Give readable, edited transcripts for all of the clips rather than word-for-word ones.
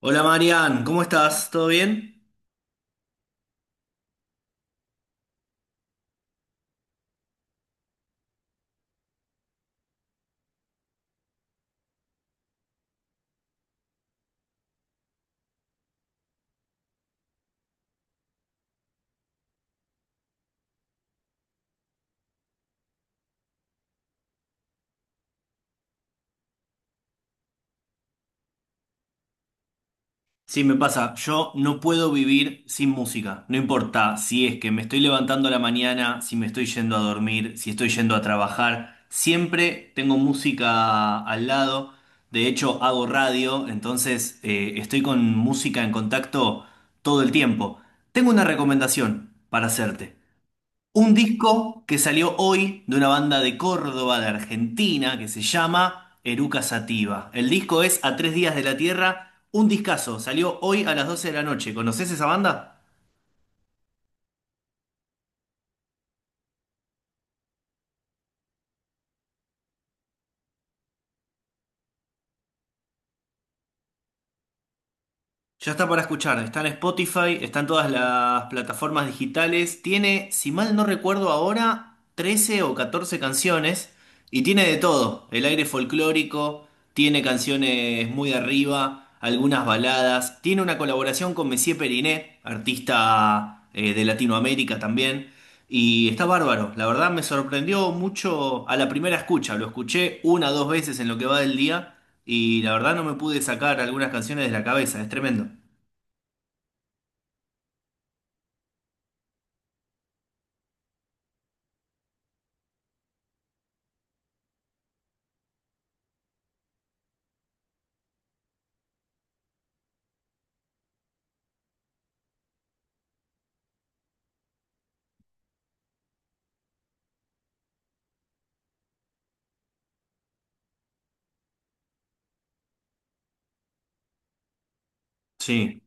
Hola Marian, ¿cómo estás? ¿Todo bien? Sí, me pasa. Yo no puedo vivir sin música. No importa si es que me estoy levantando a la mañana, si me estoy yendo a dormir, si estoy yendo a trabajar. Siempre tengo música al lado. De hecho, hago radio, entonces estoy con música en contacto todo el tiempo. Tengo una recomendación para hacerte. Un disco que salió hoy de una banda de Córdoba, de Argentina, que se llama Eruca Sativa. El disco es A Tres Días de la Tierra, un discazo. Salió hoy a las 12 de la noche. ¿Conoces esa banda? Ya está para escuchar, está en Spotify, está en todas las plataformas digitales, tiene, si mal no recuerdo ahora, 13 o 14 canciones y tiene de todo, el aire folclórico, tiene canciones muy arriba, algunas baladas, tiene una colaboración con Messier Periné, artista de Latinoamérica también, y está bárbaro, la verdad me sorprendió mucho a la primera escucha, lo escuché una o dos veces en lo que va del día. Y la verdad no me pude sacar algunas canciones de la cabeza, es tremendo. Sí.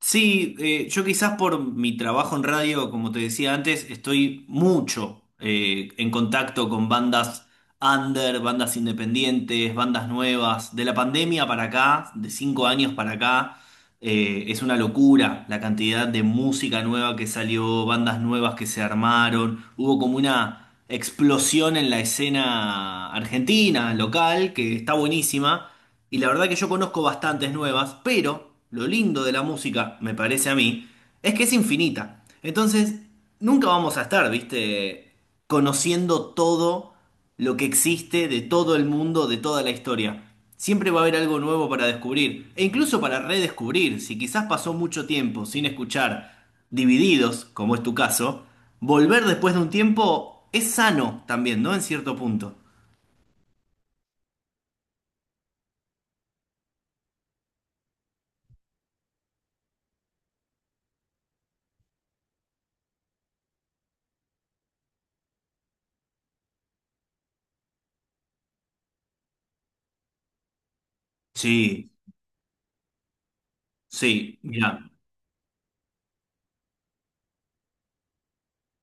Sí, yo quizás por mi trabajo en radio, como te decía antes, estoy mucho en contacto con bandas under, bandas independientes, bandas nuevas. De la pandemia para acá, de 5 años para acá, es una locura la cantidad de música nueva que salió, bandas nuevas que se armaron. Hubo como una explosión en la escena argentina, local, que está buenísima. Y la verdad que yo conozco bastantes nuevas, pero lo lindo de la música, me parece a mí, es que es infinita. Entonces, nunca vamos a estar, viste, conociendo todo lo que existe de todo el mundo, de toda la historia. Siempre va a haber algo nuevo para descubrir, e incluso para redescubrir, si quizás pasó mucho tiempo sin escuchar Divididos, como es tu caso, volver después de un tiempo es sano también, ¿no? En cierto punto. Sí, sí, mira.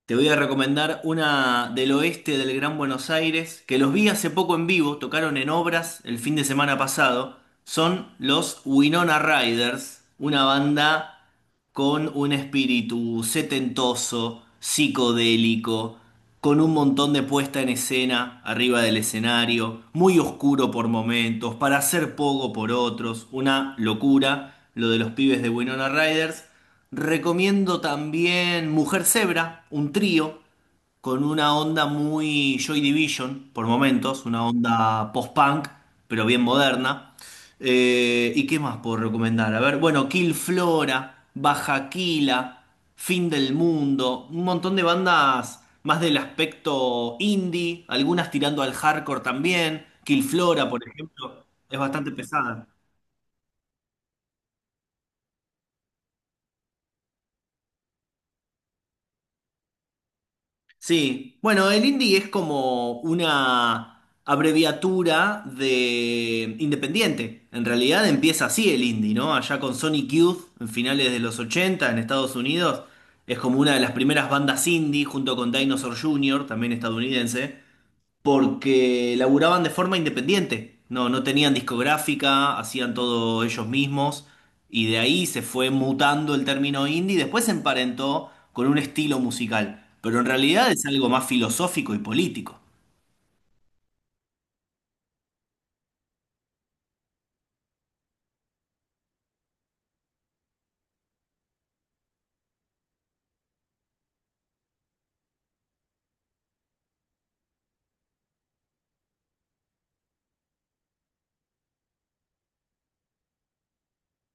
Te voy a recomendar una del oeste del Gran Buenos Aires, que los vi hace poco en vivo, tocaron en obras el fin de semana pasado. Son los Winona Riders, una banda con un espíritu setentoso, psicodélico, con un montón de puesta en escena arriba del escenario, muy oscuro por momentos, para hacer poco por otros, una locura lo de los pibes de Winona Riders. Recomiendo también Mujer Zebra, un trío con una onda muy Joy Division por momentos, una onda post-punk, pero bien moderna. ¿Y qué más puedo recomendar? A ver, bueno, Kill Flora, Baja Kila, Fin del Mundo, un montón de bandas más del aspecto indie, algunas tirando al hardcore también. Kill Flora, por ejemplo, es bastante pesada. Sí, bueno, el indie es como una abreviatura de independiente. En realidad empieza así el indie, ¿no? Allá con Sonic Youth, en finales de los 80 en Estados Unidos, es como una de las primeras bandas indie junto con Dinosaur Jr., también estadounidense porque laburaban de forma independiente. No, no tenían discográfica, hacían todo ellos mismos y de ahí se fue mutando el término indie y después se emparentó con un estilo musical, pero en realidad es algo más filosófico y político.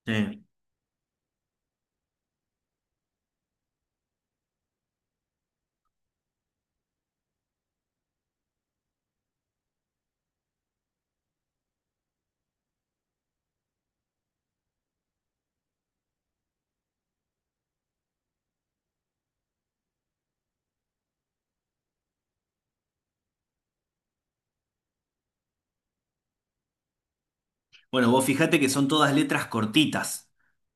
Sí. Bueno, vos fijate que son todas letras cortitas,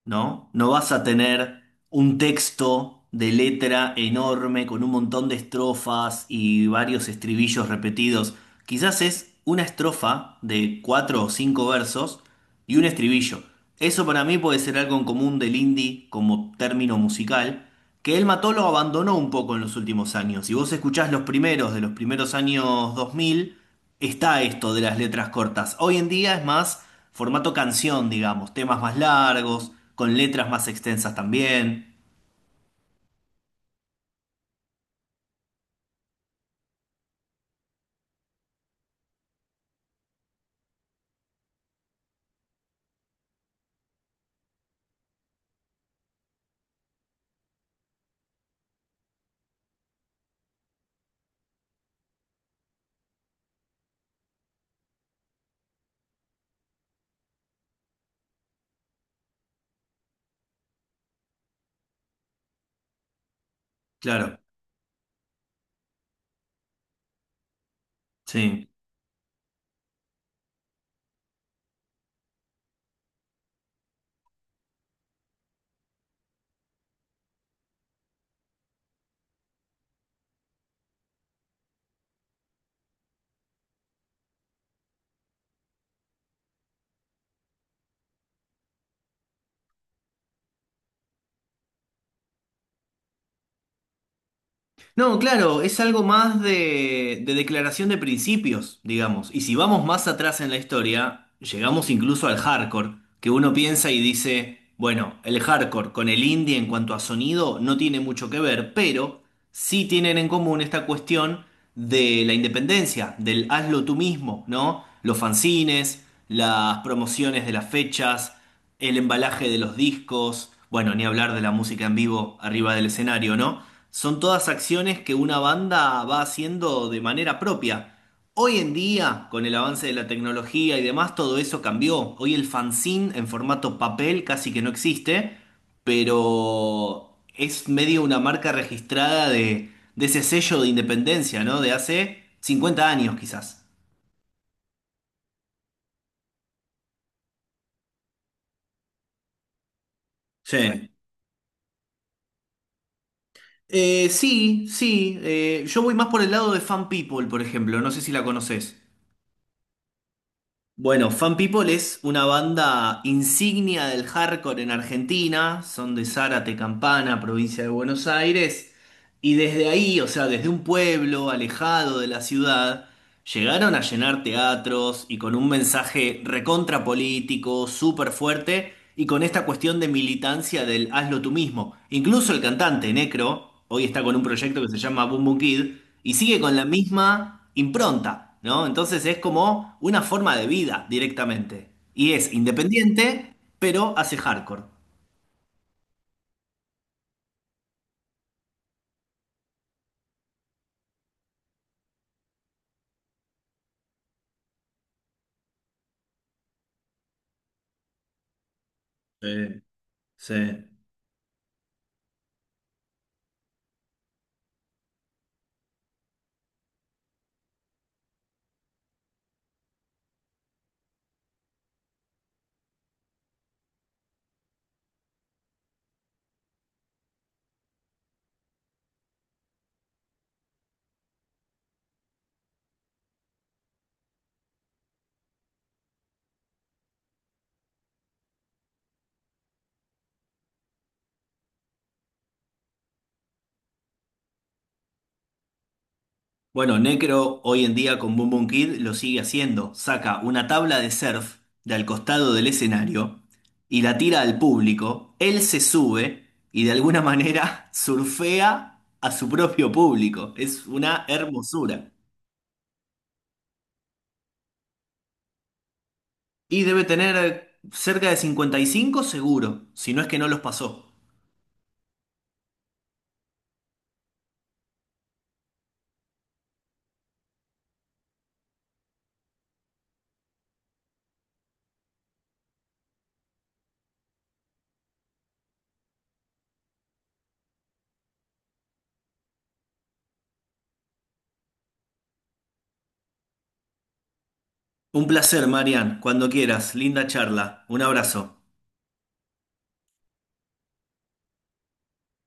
¿no? No vas a tener un texto de letra enorme con un montón de estrofas y varios estribillos repetidos. Quizás es una estrofa de cuatro o cinco versos y un estribillo. Eso para mí puede ser algo en común del indie como término musical, que El Mató lo abandonó un poco en los últimos años. Si vos escuchás los primeros de los primeros años 2000 está esto de las letras cortas. Hoy en día es más formato canción, digamos, temas más largos, con letras más extensas también. Claro, sí. No, claro, es algo más de declaración de principios, digamos. Y si vamos más atrás en la historia, llegamos incluso al hardcore, que uno piensa y dice, bueno, el hardcore con el indie en cuanto a sonido no tiene mucho que ver, pero sí tienen en común esta cuestión de la independencia, del hazlo tú mismo, ¿no? Los fanzines, las promociones de las fechas, el embalaje de los discos, bueno, ni hablar de la música en vivo arriba del escenario, ¿no? Son todas acciones que una banda va haciendo de manera propia. Hoy en día, con el avance de la tecnología y demás, todo eso cambió. Hoy el fanzine en formato papel casi que no existe, pero es medio una marca registrada de ese sello de independencia, ¿no? De hace 50 años quizás. Sí, sí, sí. Yo voy más por el lado de Fan People, por ejemplo. No sé si la conoces. Bueno, Fan People es una banda insignia del hardcore en Argentina. Son de Zárate, Campana, provincia de Buenos Aires. Y desde ahí, o sea, desde un pueblo alejado de la ciudad, llegaron a llenar teatros y con un mensaje recontra político, súper fuerte, y con esta cuestión de militancia del hazlo tú mismo. Incluso el cantante Necro, hoy está con un proyecto que se llama Boom Boom Kid, y sigue con la misma impronta, ¿no? Entonces es como una forma de vida directamente. Y es independiente, pero hace hardcore. Sí, sí. Bueno, Necro hoy en día con Boom Boom Kid lo sigue haciendo. Saca una tabla de surf de al costado del escenario y la tira al público. Él se sube y de alguna manera surfea a su propio público. Es una hermosura. Y debe tener cerca de 55 seguro, si no es que no los pasó. Un placer, Marian. Cuando quieras. Linda charla. Un abrazo.